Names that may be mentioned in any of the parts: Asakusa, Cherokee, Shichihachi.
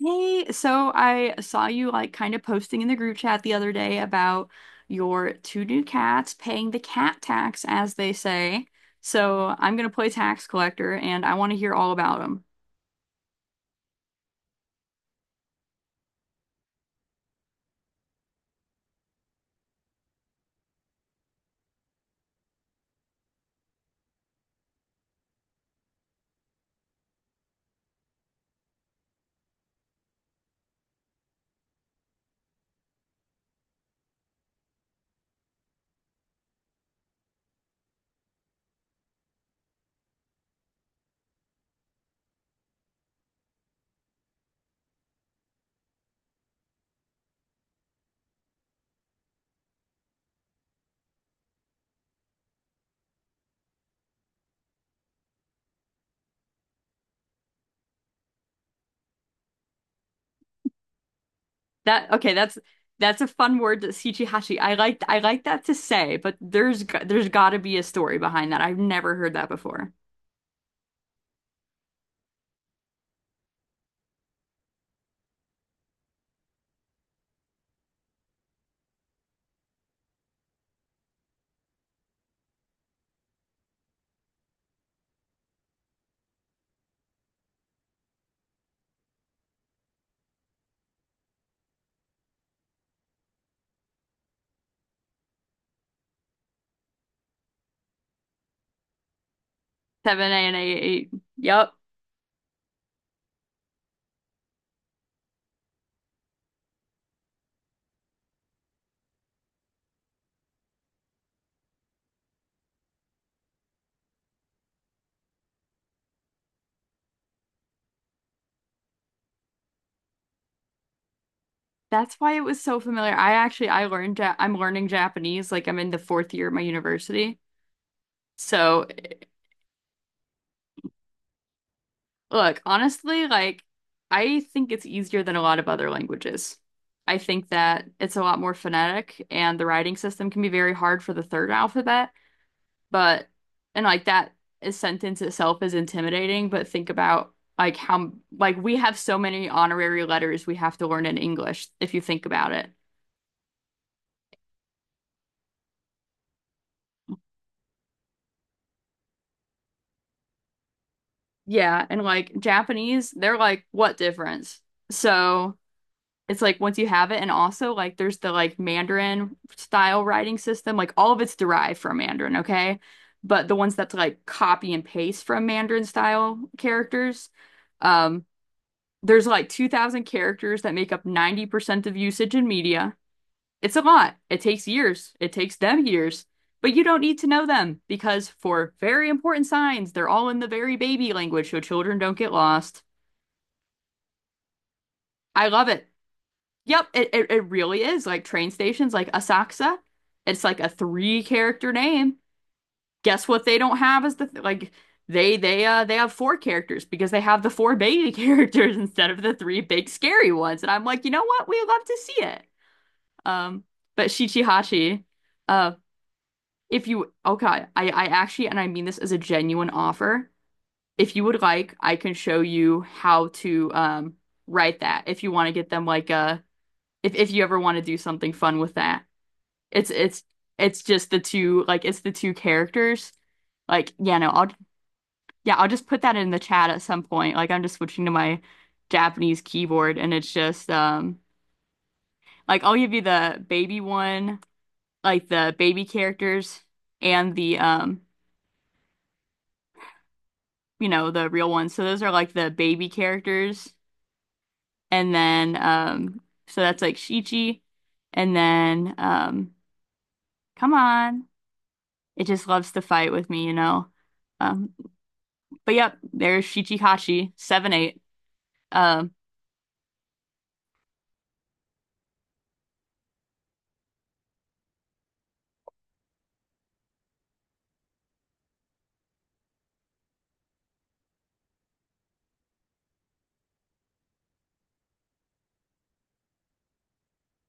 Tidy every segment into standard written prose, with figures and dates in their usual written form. Hey, so I saw you like kind of posting in the group chat the other day about your two new cats paying the cat tax, as they say. So I'm gonna play tax collector, and I want to hear all about them. That okay? That's a fun word, shichihashi. I like that to say, but there's got to be a story behind that. I've never heard that before. Seven A and eight. Yep. That's why it was so familiar. I learned I'm learning Japanese. Like I'm in the fourth year of my university. So look, honestly, like I think it's easier than a lot of other languages. I think that it's a lot more phonetic and the writing system can be very hard for the third alphabet, but and like that is sentence itself is intimidating, but think about like how like we have so many honorary letters we have to learn in English if you think about it. Yeah, and like Japanese, they're like what difference? So it's like once you have it, and also like there's the like Mandarin style writing system, like all of it's derived from Mandarin, okay? But the ones that's like copy and paste from Mandarin style characters, um, there's like 2,000 characters that make up 90% of usage in media. It's a lot. It takes years. It takes them years. But you don't need to know them because for very important signs, they're all in the very baby language so children don't get lost. I love it. Yep, it really is like train stations, like Asakusa. It's like a three character name. Guess what they don't have is the th like they have four characters because they have the four baby characters instead of the three big scary ones. And I'm like, you know what? We love to see it. Um, but Shichihachi, uh, if you okay, I actually and I mean this as a genuine offer. If you would like, I can show you how to write that if you want to get them like a if you ever want to do something fun with that. It's it's just the two like it's the two characters. Like yeah, no, I'll yeah, I'll just put that in the chat at some point. Like I'm just switching to my Japanese keyboard and it's just like I'll give you the baby one, like the baby characters and the you know, the real ones. So those are like the baby characters and then so that's like Shichi and then come on. It just loves to fight with me, you know. Um But yep, there's Shichikashi, 7 8. Um,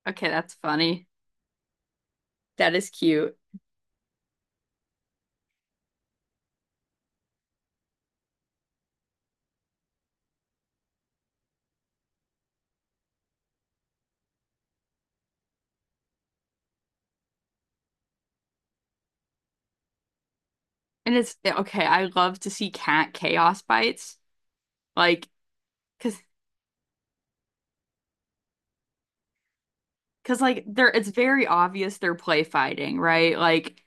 okay, that's funny. That is cute. And it's okay, I love to see cat chaos bites. Like, cause cause like they're it's very obvious they're play fighting, right? Like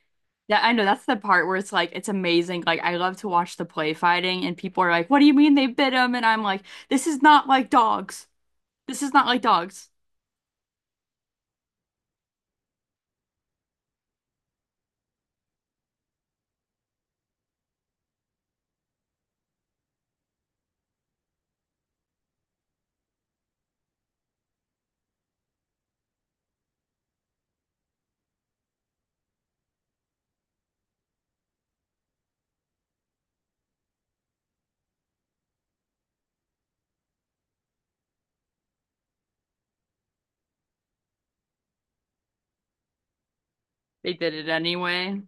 that I know that's the part where it's like it's amazing. Like I love to watch the play fighting and people are like, what do you mean they bit him? And I'm like, this is not like dogs. This is not like dogs. They did it anyway.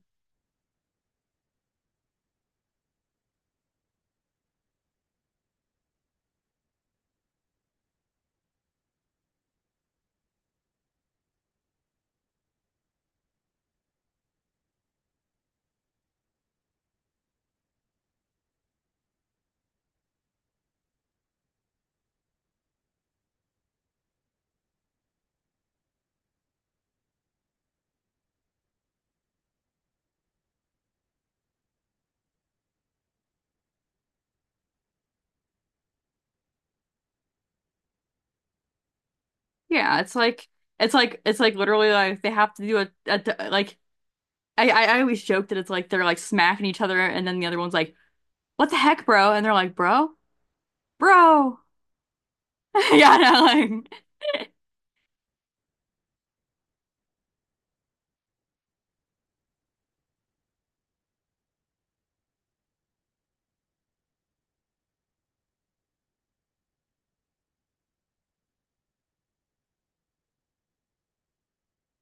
Yeah, it's like it's like literally like they have to do a like I always joke that it's like they're like smacking each other, and then the other one's like, "What the heck, bro?" And they're like, "Bro, bro." Yeah, no, like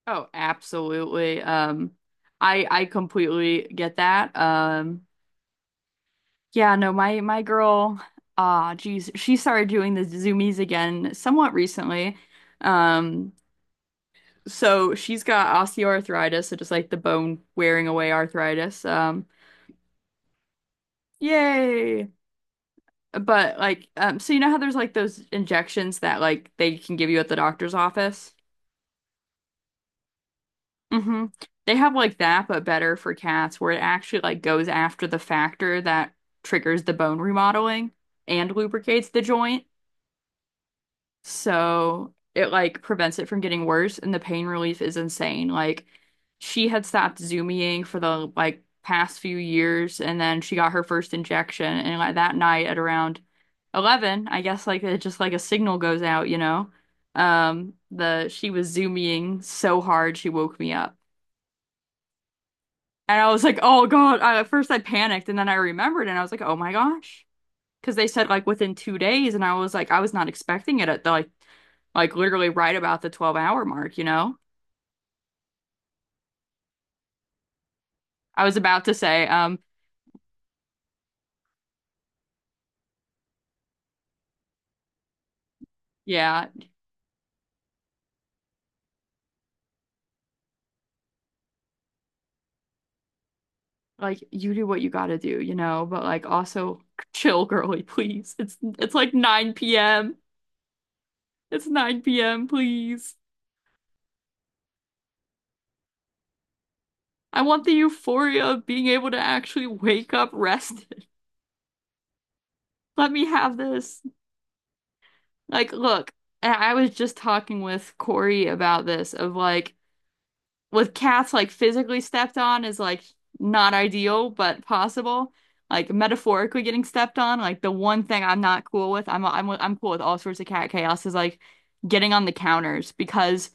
oh, absolutely. I completely get that. Yeah, no, my girl, ah, geez, she started doing the zoomies again somewhat recently. Um, so she's got osteoarthritis, so just like the bone wearing away arthritis. Yay. But like, so you know how there's like those injections that like they can give you at the doctor's office? Hmm. They have like that, but better for cats, where it actually like goes after the factor that triggers the bone remodeling and lubricates the joint. So it like prevents it from getting worse and the pain relief is insane. Like she had stopped Zumying for the like past few years and then she got her first injection and like that night at around 11, I guess like it just like a signal goes out, you know. The she was Zumying so hard she woke me up. And I was like, "Oh God." At first I panicked and then I remembered and I was like, "Oh my gosh," because they said like within 2 days, and I was like, I was not expecting it at the like literally right about the 12-hour mark, you know? I was about to say, yeah, like you do what you gotta do, you know, but like also chill, girly, please. It's like 9 p.m. It's 9 p.m., please. I want the euphoria of being able to actually wake up rested. Let me have this. Like, look, and I was just talking with Corey about this of like with cats like physically stepped on is like not ideal but possible, like metaphorically getting stepped on, like the one thing I'm not cool with, I'm cool with all sorts of cat chaos, is like getting on the counters. Because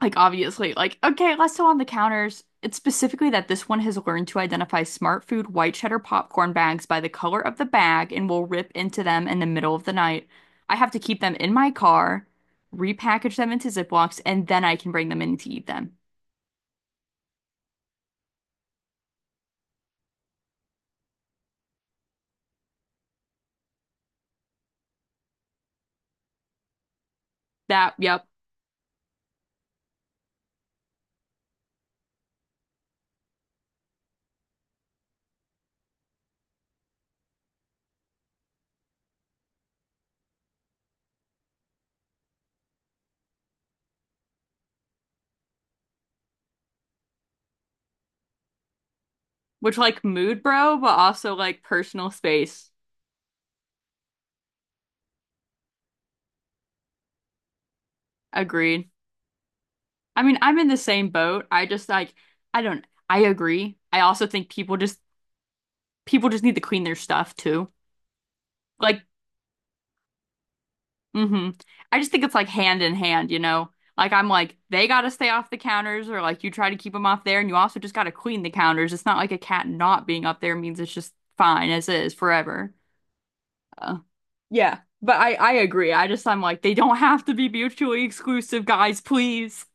like obviously like okay let's go on the counters, it's specifically that this one has learned to identify Smart Food white cheddar popcorn bags by the color of the bag and will rip into them in the middle of the night. I have to keep them in my car, repackage them into Ziplocs, and then I can bring them in to eat them. That, yep. Which like mood, bro, but also like personal space. Agreed. I mean, I'm in the same boat. I just like I don't, I agree. I also think people just need to clean their stuff too. Like, mm-hmm. I just think it's like hand in hand, you know? Like I'm like they gotta stay off the counters, or like you try to keep them off there and you also just gotta clean the counters. It's not like a cat not being up there means it's just fine as is forever. Uh, yeah, but I agree. I just I'm like they don't have to be mutually exclusive, guys, please.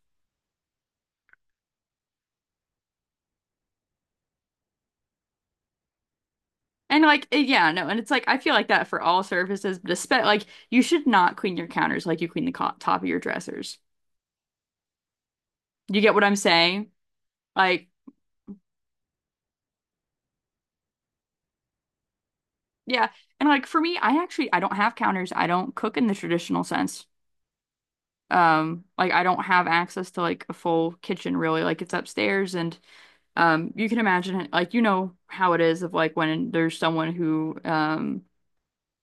And like, eh, yeah, no, and it's like I feel like that for all surfaces, but especially like you should not clean your counters like you clean the co top of your dressers. You get what I'm saying? Like, yeah, and like for me, I don't have counters. I don't cook in the traditional sense. Like I don't have access to like a full kitchen really. Like it's upstairs, and you can imagine like you know how it is of like when there's someone who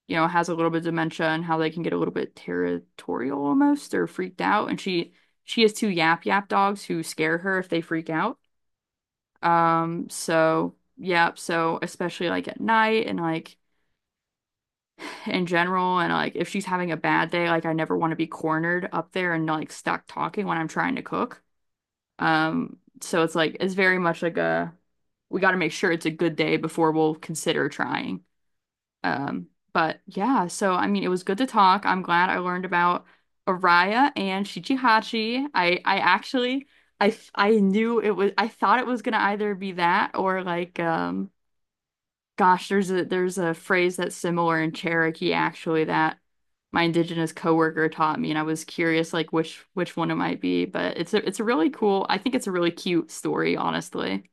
you know, has a little bit of dementia and how they can get a little bit territorial almost or freaked out. And she has two yap yap dogs who scare her if they freak out. So yeah, so especially like at night and like in general and like if she's having a bad day, like I never want to be cornered up there and like stuck talking when I'm trying to cook. So it's like it's very much like a we got to make sure it's a good day before we'll consider trying. But yeah, so I mean, it was good to talk. I'm glad I learned about Araya and Shichihachi. I actually I knew it was I thought it was gonna either be that or like gosh, there's a phrase that's similar in Cherokee actually that my indigenous coworker taught me and I was curious like which one it might be, but it's a really cool, I think it's a really cute story, honestly.